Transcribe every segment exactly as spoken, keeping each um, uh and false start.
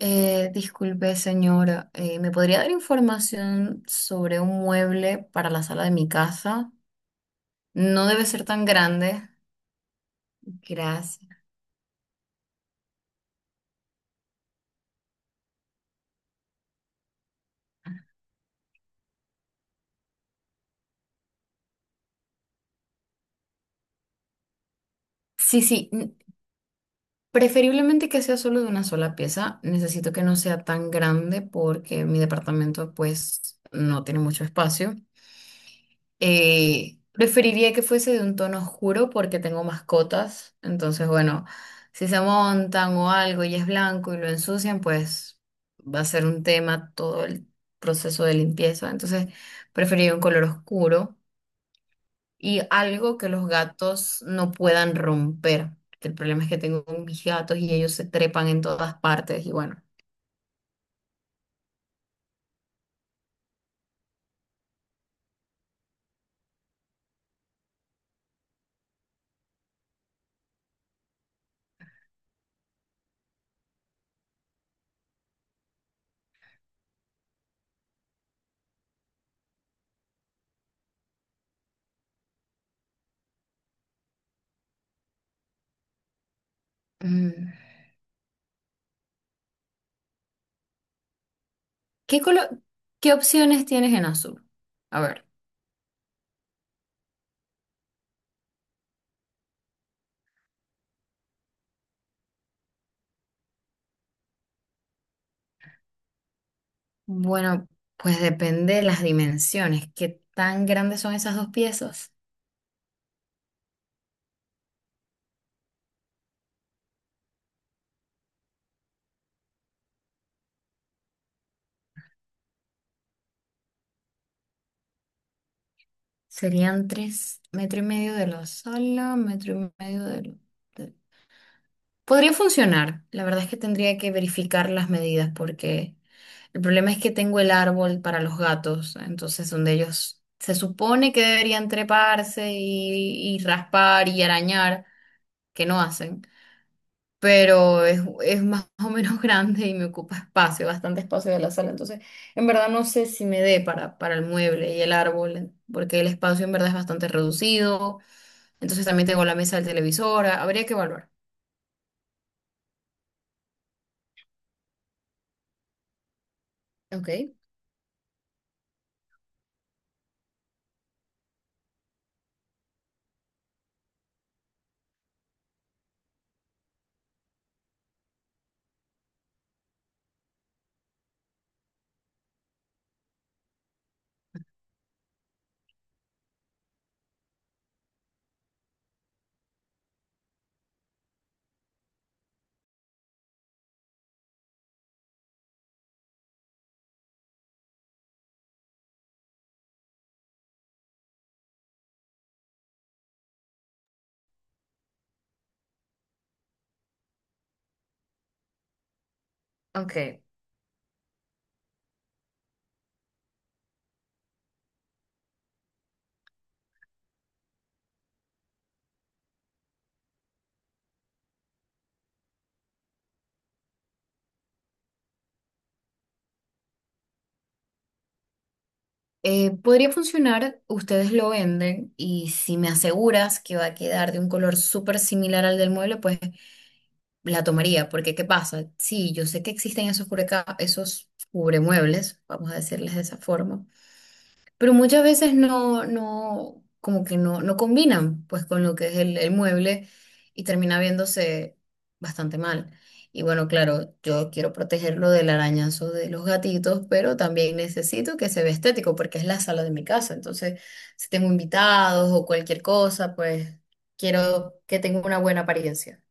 Eh, disculpe, señora, eh, ¿me podría dar información sobre un mueble para la sala de mi casa? No debe ser tan grande. Gracias. Sí, sí, mm, Preferiblemente que sea solo de una sola pieza. Necesito que no sea tan grande porque mi departamento pues no tiene mucho espacio. Eh, preferiría que fuese de un tono oscuro porque tengo mascotas, entonces bueno, si se montan o algo y es blanco y lo ensucian, pues va a ser un tema todo el proceso de limpieza. Entonces preferiría un color oscuro y algo que los gatos no puedan romper, que el problema es que tengo mis gatos y ellos se trepan en todas partes y bueno. Mm, ¿Qué color qué opciones tienes en azul? A ver. Bueno, pues depende de las dimensiones. ¿Qué tan grandes son esas dos piezas? Serían tres metro y medio de lo solo, metro y medio de lo... de- Podría funcionar. La verdad es que tendría que verificar las medidas porque el problema es que tengo el árbol para los gatos, entonces donde ellos se supone que deberían treparse y, y raspar y arañar, que no hacen. Pero es, es más o menos grande y me ocupa espacio, bastante espacio de la sala. Entonces, en verdad no sé si me dé para, para el mueble y el árbol, porque el espacio en verdad es bastante reducido. Entonces también tengo la mesa del televisor. Ah, habría que evaluar. Ok. Ok. Eh, podría funcionar, ustedes lo venden y si me aseguras que va a quedar de un color súper similar al del mueble, pues la tomaría, porque ¿qué pasa? Sí, yo sé que existen esos cubreca esos cubremuebles, vamos a decirles de esa forma. Pero muchas veces no, no, como que no, no combinan pues con lo que es el, el mueble y termina viéndose bastante mal. Y bueno, claro, yo quiero protegerlo del arañazo de los gatitos, pero también necesito que se vea estético porque es la sala de mi casa. Entonces, si tengo invitados o cualquier cosa, pues quiero que tenga una buena apariencia.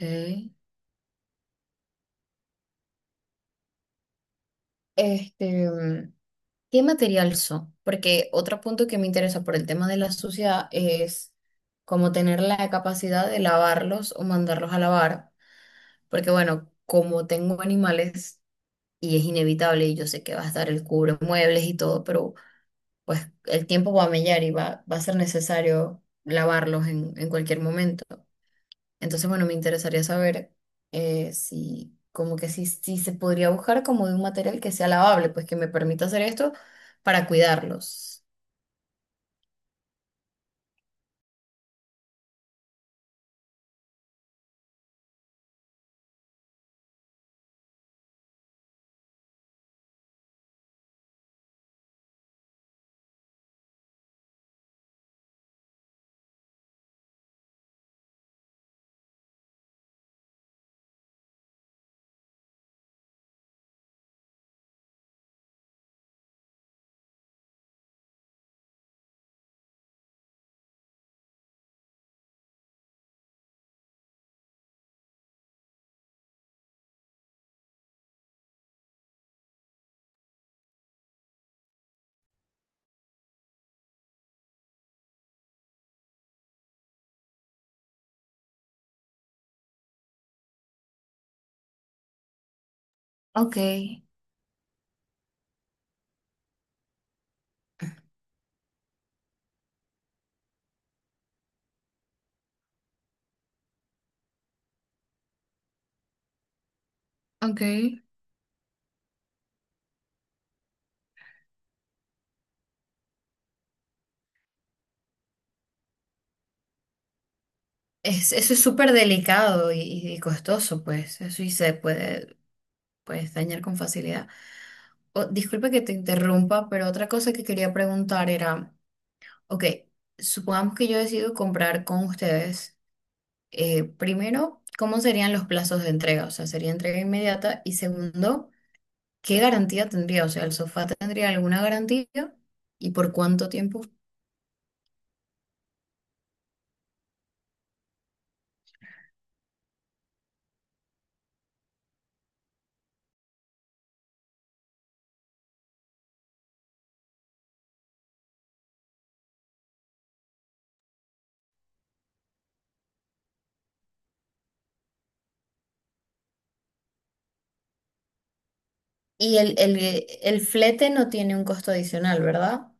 Ok. Este, mm, ¿Qué material son? Porque otro punto que me interesa por el tema de la suciedad es como tener la capacidad de lavarlos o mandarlos a lavar, porque bueno, como tengo animales y es inevitable y yo sé que va a estar el cubre muebles y todo, pero pues el tiempo va a mellar y va, va a ser necesario lavarlos en, en cualquier momento. Entonces, bueno, me interesaría saber eh, si como que si, si se podría buscar como de un material que sea lavable, pues que me permita hacer esto para cuidarlos. Ok, ok. Es, eso es súper delicado y, y costoso, pues. Eso y se puede, pues, dañar con facilidad. O- disculpa que te interrumpa, pero otra cosa que quería preguntar era, ok, supongamos que yo decido comprar con ustedes. Eh, primero, ¿cómo serían los plazos de entrega? O sea, ¿sería entrega inmediata? Y segundo, ¿qué garantía tendría? O sea, ¿el sofá tendría alguna garantía? ¿Y por cuánto tiempo? Y el, el, el flete no tiene un costo adicional, ¿verdad?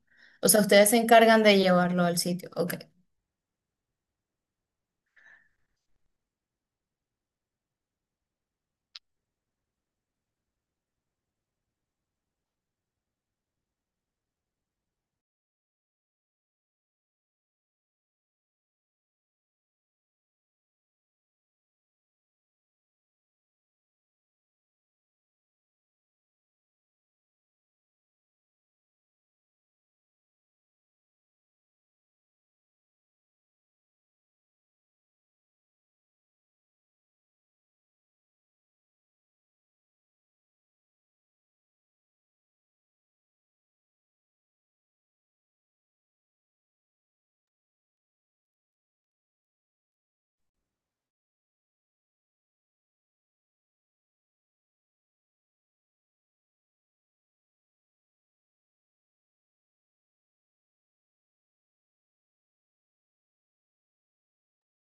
O sea, ustedes se encargan de llevarlo al sitio. Ok.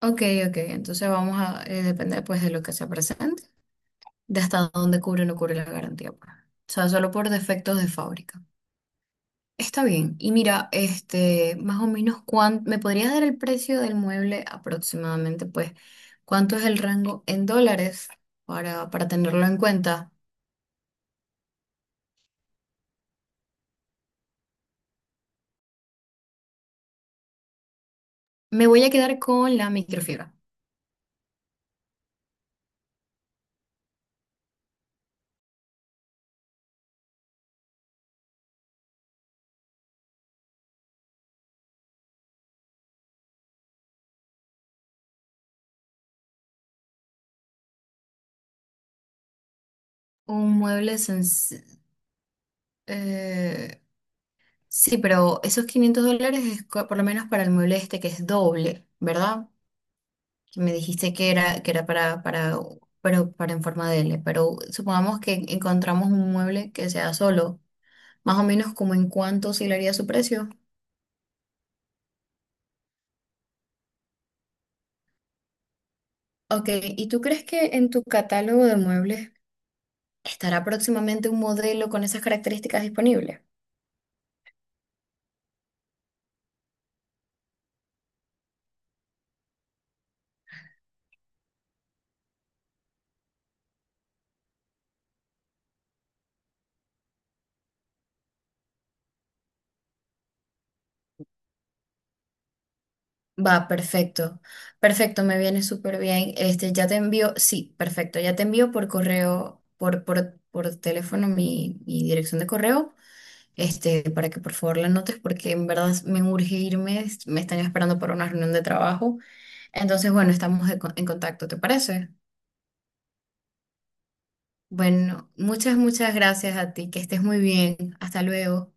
Ok, ok. Entonces vamos a eh, depender pues de lo que se presente, de hasta dónde cubre o no cubre la garantía. Pues. O sea, solo por defectos de fábrica. Está bien. Y mira, este, más o menos, ¿cuánto, me podrías dar el precio del mueble aproximadamente? Pues, ¿cuánto es el rango en dólares para, para tenerlo en cuenta? Me voy a quedar con la microfibra. Un mueble sencillo. Eh, sí, pero esos quinientos dólares es co- por lo menos para el mueble este que es doble, ¿verdad? Que me dijiste que era, que era para, para, pero para en forma de L, pero supongamos que encontramos un mueble que sea solo, más o menos como en cuánto oscilaría su precio. Ok, ¿y tú crees que en tu catálogo de muebles estará próximamente un modelo con esas características disponibles? Va, perfecto. Perfecto, me viene súper bien. Este, ya te envío, sí, perfecto, ya te envío por correo, por, por, por teléfono mi, mi dirección de correo, este, para que por favor la anotes, porque en verdad me urge irme, es- me están esperando para una reunión de trabajo. Entonces, bueno, estamos de co- en contacto, ¿te parece? Bueno, muchas, muchas gracias a ti, que estés muy bien. Hasta luego.